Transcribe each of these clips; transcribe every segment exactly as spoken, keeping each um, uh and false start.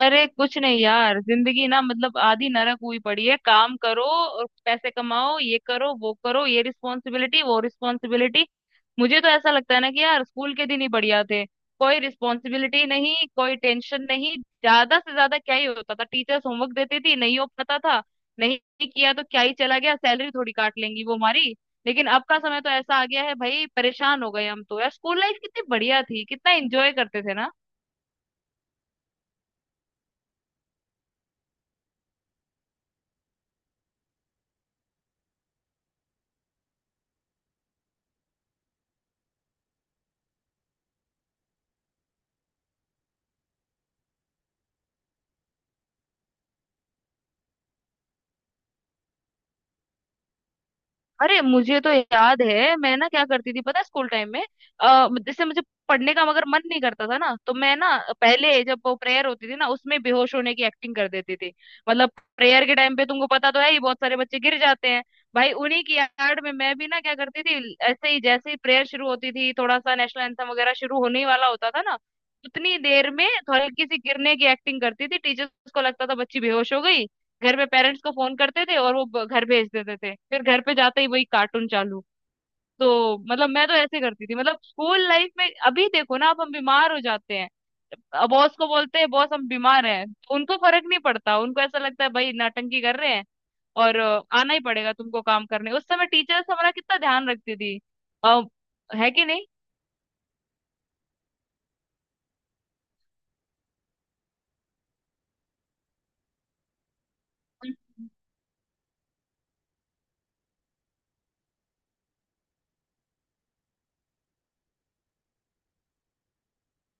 अरे कुछ नहीं यार, जिंदगी ना मतलब आधी नरक हुई पड़ी है। काम करो और पैसे कमाओ, ये करो वो करो, ये रिस्पॉन्सिबिलिटी वो रिस्पॉन्सिबिलिटी। मुझे तो ऐसा लगता है ना कि यार, स्कूल के दिन ही बढ़िया थे। कोई रिस्पॉन्सिबिलिटी नहीं, कोई टेंशन नहीं। ज्यादा से ज्यादा क्या ही होता था, टीचर्स होमवर्क देती थी, नहीं हो पाता था। नहीं किया तो क्या ही चला गया, सैलरी थोड़ी काट लेंगी वो हमारी। लेकिन अब का समय तो ऐसा आ गया है भाई, परेशान हो गए हम तो। यार स्कूल लाइफ कितनी बढ़िया थी, कितना एंजॉय करते थे ना। अरे मुझे तो याद है, मैं ना क्या करती थी पता है स्कूल टाइम में। अ, जैसे मुझे पढ़ने का मगर मन नहीं करता था ना, तो मैं ना पहले जब वो प्रेयर होती थी ना, उसमें बेहोश होने की एक्टिंग कर देती थी। मतलब प्रेयर के टाइम पे तुमको पता तो है ही, बहुत सारे बच्चे गिर जाते हैं। भाई उन्हीं की आड़ में मैं भी ना क्या करती थी, ऐसे ही जैसे ही प्रेयर शुरू होती थी, थोड़ा सा नेशनल एंथम वगैरह शुरू होने ही वाला होता था ना, उतनी देर में हल्की सी गिरने की एक्टिंग करती थी। टीचर्स को लगता था बच्ची बेहोश हो गई। घर पे पेरेंट्स को फोन करते थे, और वो ब- घर भेज देते थे। फिर घर पे जाते ही वही कार्टून चालू। तो मतलब मैं तो ऐसे करती थी मतलब स्कूल लाइफ में। अभी देखो ना, अब हम बीमार हो जाते हैं, बॉस को बोलते हैं बॉस हम बीमार हैं, तो उनको फर्क नहीं पड़ता, उनको ऐसा लगता है भाई नाटंकी कर रहे हैं। और अ, आना ही पड़ेगा तुमको काम करने। उस समय टीचर्स हमारा कितना ध्यान रखती थी, आ, है कि नहीं।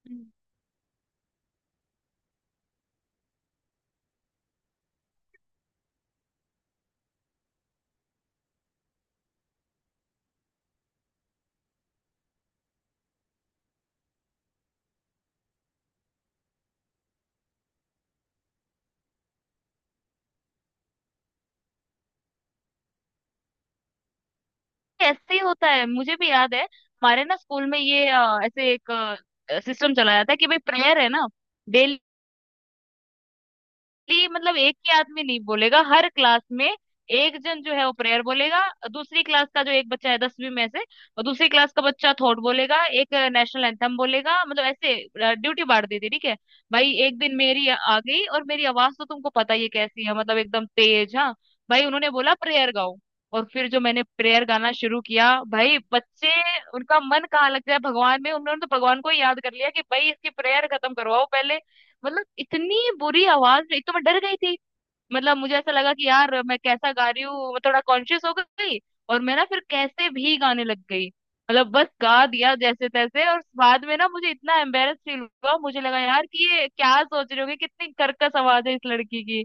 हम्म। ऐसे ही होता है। मुझे भी याद है हमारे ना स्कूल में ये अ, ऐसे एक सिस्टम चलाया था कि भाई प्रेयर है ना डेली, खाली मतलब एक ही आदमी नहीं बोलेगा हर क्लास में, एक जन जो है वो प्रेयर बोलेगा, दूसरी क्लास का जो एक बच्चा है दसवीं में से, और दूसरी क्लास का बच्चा थॉट बोलेगा, एक नेशनल एंथम बोलेगा। मतलब ऐसे ड्यूटी बांट दी थी, ठीक है। भाई एक दिन मेरी आ गई, और मेरी आवाज तो तुमको पता ही है कैसी है, मतलब एकदम तेज, हाँ। भाई उन्होंने बोला प्रेयर गाओ, और फिर जो मैंने प्रेयर गाना शुरू किया भाई, बच्चे, उनका मन कहाँ लग जाए भगवान में, उन्होंने तो भगवान को ही याद कर लिया कि भाई इसकी प्रेयर खत्म करवाओ पहले। मतलब इतनी बुरी आवाज में। एक तो मैं डर गई थी, मतलब मुझे ऐसा लगा कि यार मैं कैसा गा रही हूँ, मैं थोड़ा कॉन्शियस हो गई, और मैं ना फिर कैसे भी गाने लग गई, मतलब बस गा दिया जैसे तैसे। और बाद में ना मुझे इतना एम्बेरस फील हुआ, मुझे लगा यार कि ये क्या सोच रहे होगे, कितनी कर्कश आवाज है इस लड़की की।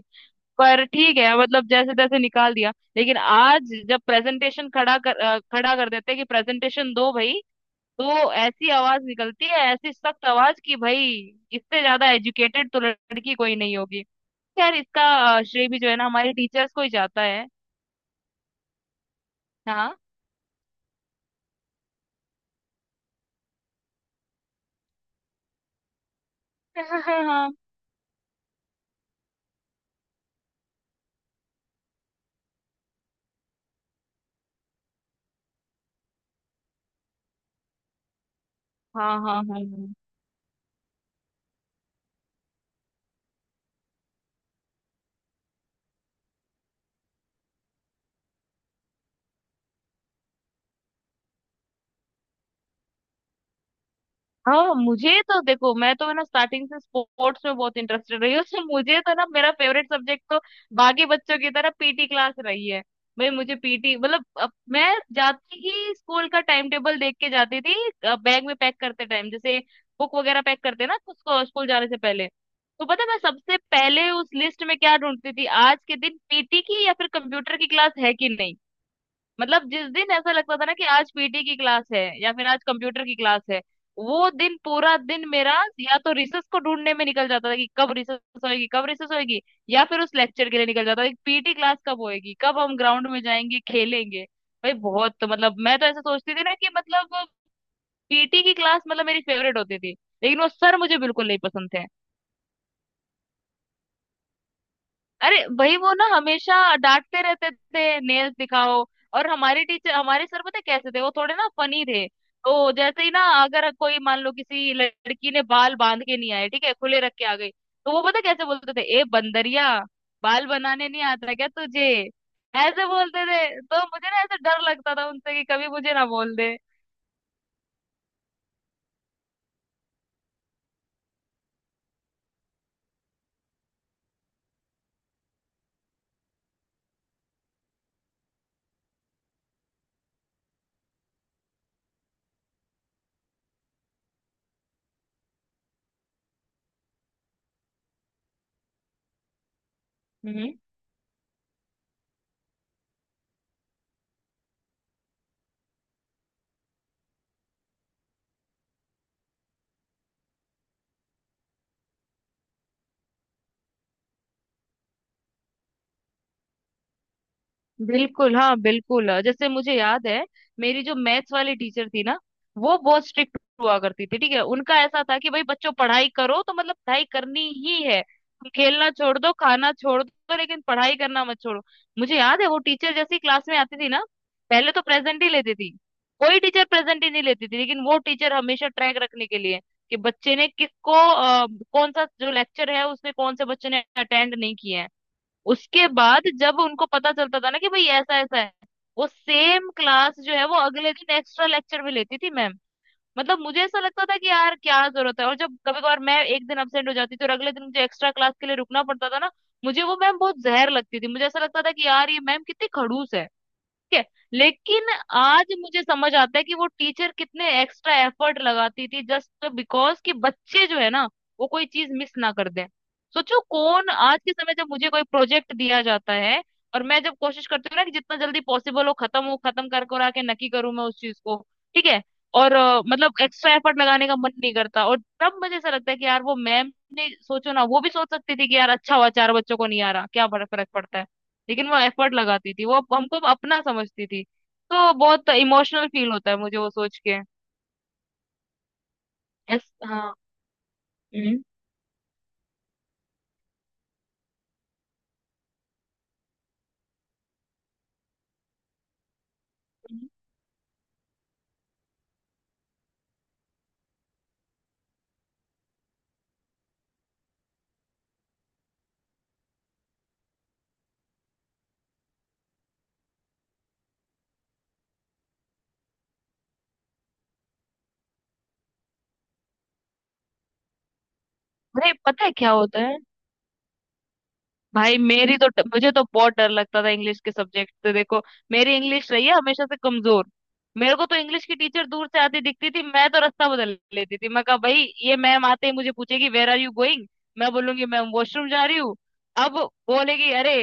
पर ठीक है, मतलब जैसे तैसे निकाल दिया। लेकिन आज जब प्रेजेंटेशन खड़ा कर अ, खड़ा कर देते हैं कि प्रेजेंटेशन दो भाई, तो ऐसी आवाज निकलती है, ऐसी सख्त आवाज कि भाई, इससे ज्यादा एजुकेटेड तो लड़की कोई नहीं होगी। खैर, इसका अ, श्रेय भी जो है ना हमारे टीचर्स को ही जाता है। हाँ। हाँ हाँ हाँ। हाँ हाँ हाँ हाँ। मुझे तो देखो, मैं तो है ना स्टार्टिंग से स्पोर्ट्स में बहुत इंटरेस्टेड रही हूँ। तो मुझे तो ना मेरा फेवरेट सब्जेक्ट तो बाकी बच्चों की तरह पीटी क्लास रही है। भाई मुझे पीटी मतलब, अब मैं जाती ही स्कूल का टाइम टेबल देख के जाती थी। बैग में पैक करते टाइम जैसे बुक वगैरह पैक करते ना उसको, स्कूल जाने से पहले, तो पता है मैं सबसे पहले उस लिस्ट में क्या ढूंढती थी, आज के दिन पीटी की या फिर कंप्यूटर की क्लास है कि नहीं। मतलब जिस दिन ऐसा लगता था ना कि आज पीटी की क्लास है या फिर आज कंप्यूटर की क्लास है, वो दिन पूरा दिन मेरा या तो रिसर्च को ढूंढने में निकल जाता था कि कब रिसर्च होएगी कब रिसर्च होएगी, या फिर उस लेक्चर के लिए निकल जाता था कि पीटी क्लास कब होएगी, कब हम ग्राउंड में जाएंगे खेलेंगे। भाई बहुत मतलब मैं तो ऐसा सोचती थी ना कि मतलब पीटी की क्लास मतलब मेरी फेवरेट होती थी। लेकिन वो सर मुझे बिल्कुल नहीं पसंद थे। अरे भाई, वो ना हमेशा डांटते रहते थे नेल्स दिखाओ। और हमारे टीचर हमारे सर पता है कैसे थे, वो थोड़े ना फनी थे, तो जैसे ही ना अगर कोई मान लो किसी लड़की ने बाल बांध के नहीं आए, ठीक है खुले रख के आ गई, तो वो पता है कैसे बोलते थे, ए बंदरिया बाल बनाने नहीं आता क्या तुझे। ऐसे बोलते थे, तो मुझे ना ऐसे डर लगता था उनसे कि कभी मुझे ना बोल दे। बिल्कुल हाँ, बिल्कुल। जैसे मुझे याद है, मेरी जो मैथ्स वाली टीचर थी ना, वो बहुत स्ट्रिक्ट हुआ करती थी। ठीक है, उनका ऐसा था कि भाई बच्चों पढ़ाई करो, तो मतलब पढ़ाई करनी ही है, तुम खेलना छोड़ दो, खाना छोड़ दो, लेकिन पढ़ाई करना मत छोड़ो। मुझे याद है, वो टीचर जैसी क्लास में आती थी ना, पहले तो प्रेजेंट ही लेती थी। कोई टीचर प्रेजेंट ही नहीं लेती थी, लेकिन वो टीचर हमेशा ट्रैक रखने के लिए कि बच्चे ने किसको अ, कौन सा जो लेक्चर है उसमें कौन से बच्चे ने अटेंड नहीं किया है। उसके बाद जब उनको पता चलता था ना कि भाई ऐसा ऐसा है, वो सेम क्लास जो है वो अगले दिन एक्स्ट्रा लेक्चर भी लेती थी मैम। मतलब मुझे ऐसा लगता था कि यार क्या जरूरत है, और जब कभी कभार मैं एक दिन अब्सेंट हो जाती थी और अगले दिन मुझे एक्स्ट्रा क्लास के लिए रुकना पड़ता था ना, मुझे वो मैम बहुत जहर लगती थी, मुझे ऐसा लगता था कि यार ये मैम कितनी खड़ूस है। ठीक है। लेकिन आज मुझे समझ आता है कि वो टीचर कितने एक्स्ट्रा एफर्ट लगाती थी जस्ट बिकॉज कि बच्चे जो है ना वो कोई चीज मिस ना कर दें। सोचो, कौन आज के समय, जब मुझे कोई प्रोजेक्ट दिया जाता है और मैं जब कोशिश करती हूँ ना कि जितना जल्दी पॉसिबल हो खत्म हो खत्म कर कर आके नकी करूँ मैं उस चीज को। ठीक है। और अ, मतलब एक्स्ट्रा एफर्ट लगाने का मन नहीं करता। और तब मुझे ऐसा लगता है कि यार वो मैम ने, सोचो ना वो भी सोच सकती थी कि यार अच्छा हुआ, चार बच्चों को नहीं आ रहा क्या फर्क फर्क पड़ता है, लेकिन वो एफर्ट लगाती थी, वो हमको अपना समझती थी। तो बहुत इमोशनल फील होता है मुझे वो सोच के। ऐस, हाँ। हम्म। अरे पता है क्या होता है, भाई मेरी तो, मुझे तो बहुत डर लगता था इंग्लिश के सब्जेक्ट से, देखो मेरी इंग्लिश रही है हमेशा से कमजोर। मेरे को तो इंग्लिश की टीचर दूर से आती दिखती थी, मैं तो रास्ता बदल लेती थी, मैं कहा भाई ये मैम आते ही मुझे पूछेगी वेर आर यू गोइंग, मैं बोलूंगी मैम वॉशरूम जा रही हूँ। अब बोलेगी अरे,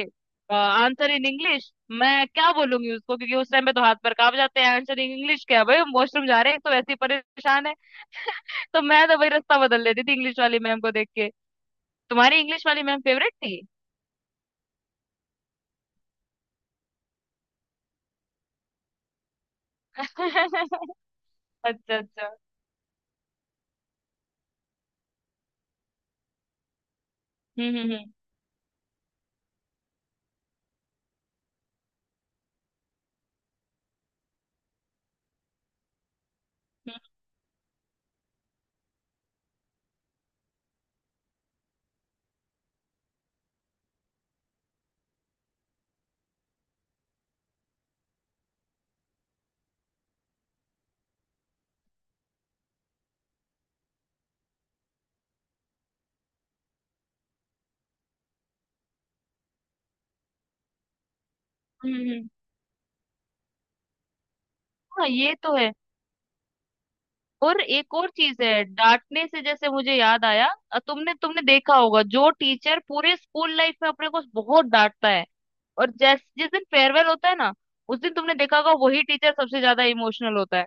आंसर इन इंग्लिश, मैं क्या बोलूंगी उसको, क्योंकि उस टाइम पे तो हाथ पर कांप जाते हैं, आंसर इन इंग्लिश क्या, भाई हम वॉशरूम जा रहे हैं तो वैसे ही परेशान है। तो मैं तो भाई रास्ता बदल लेती थी इंग्लिश वाली मैम को देख के। तुम्हारी इंग्लिश वाली मैम फेवरेट थी। अच्छा अच्छा। हम्म हम्म हम्म। हम्म, हम्म। हम्म। हाँ, ये तो है। और एक और चीज है डांटने से, जैसे मुझे याद आया। अ, तुमने तुमने देखा होगा जो टीचर पूरे स्कूल लाइफ में अपने को बहुत डांटता है, और जैस जिस दिन फेयरवेल होता है ना, उस दिन तुमने देखा होगा वही टीचर सबसे ज्यादा इमोशनल होता है।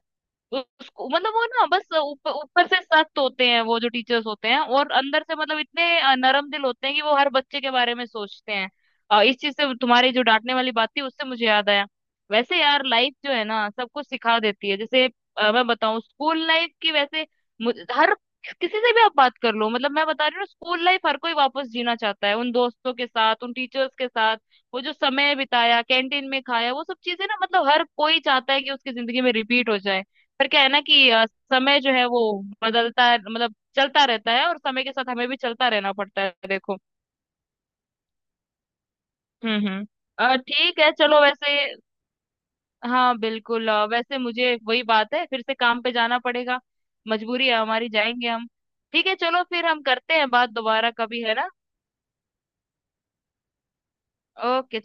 उसको मतलब वो ना बस ऊपर ऊपर से सख्त होते हैं वो जो टीचर्स होते हैं, और अंदर से मतलब इतने अ, नरम दिल होते हैं कि वो हर बच्चे के बारे में सोचते हैं। अ, इस चीज से तुम्हारी जो डांटने वाली बात थी उससे मुझे याद आया। वैसे यार लाइफ जो है ना सब कुछ सिखा देती है। जैसे अ, मैं बताऊं स्कूल लाइफ की, वैसे मुझ- हर किसी से भी आप बात कर लो, मतलब मैं बता रही हूँ स्कूल लाइफ हर कोई वापस जीना चाहता है, उन दोस्तों के साथ, उन टीचर्स के साथ, वो जो समय बिताया कैंटीन में खाया, वो सब चीजें ना मतलब हर कोई चाहता है कि उसकी जिंदगी में रिपीट हो जाए। पर क्या है ना कि अ, समय जो है वो बदलता है, मतलब चलता रहता है, और समय के साथ हमें भी चलता रहना पड़ता है देखो। हम्म हम्म। अ, ठीक है चलो वैसे, हाँ बिल्कुल। अ, वैसे मुझे वही बात है फिर से काम पे जाना पड़ेगा, मजबूरी है हमारी, जाएंगे हम। ठीक है चलो, फिर हम करते हैं बात दोबारा कभी, है ना। ओके।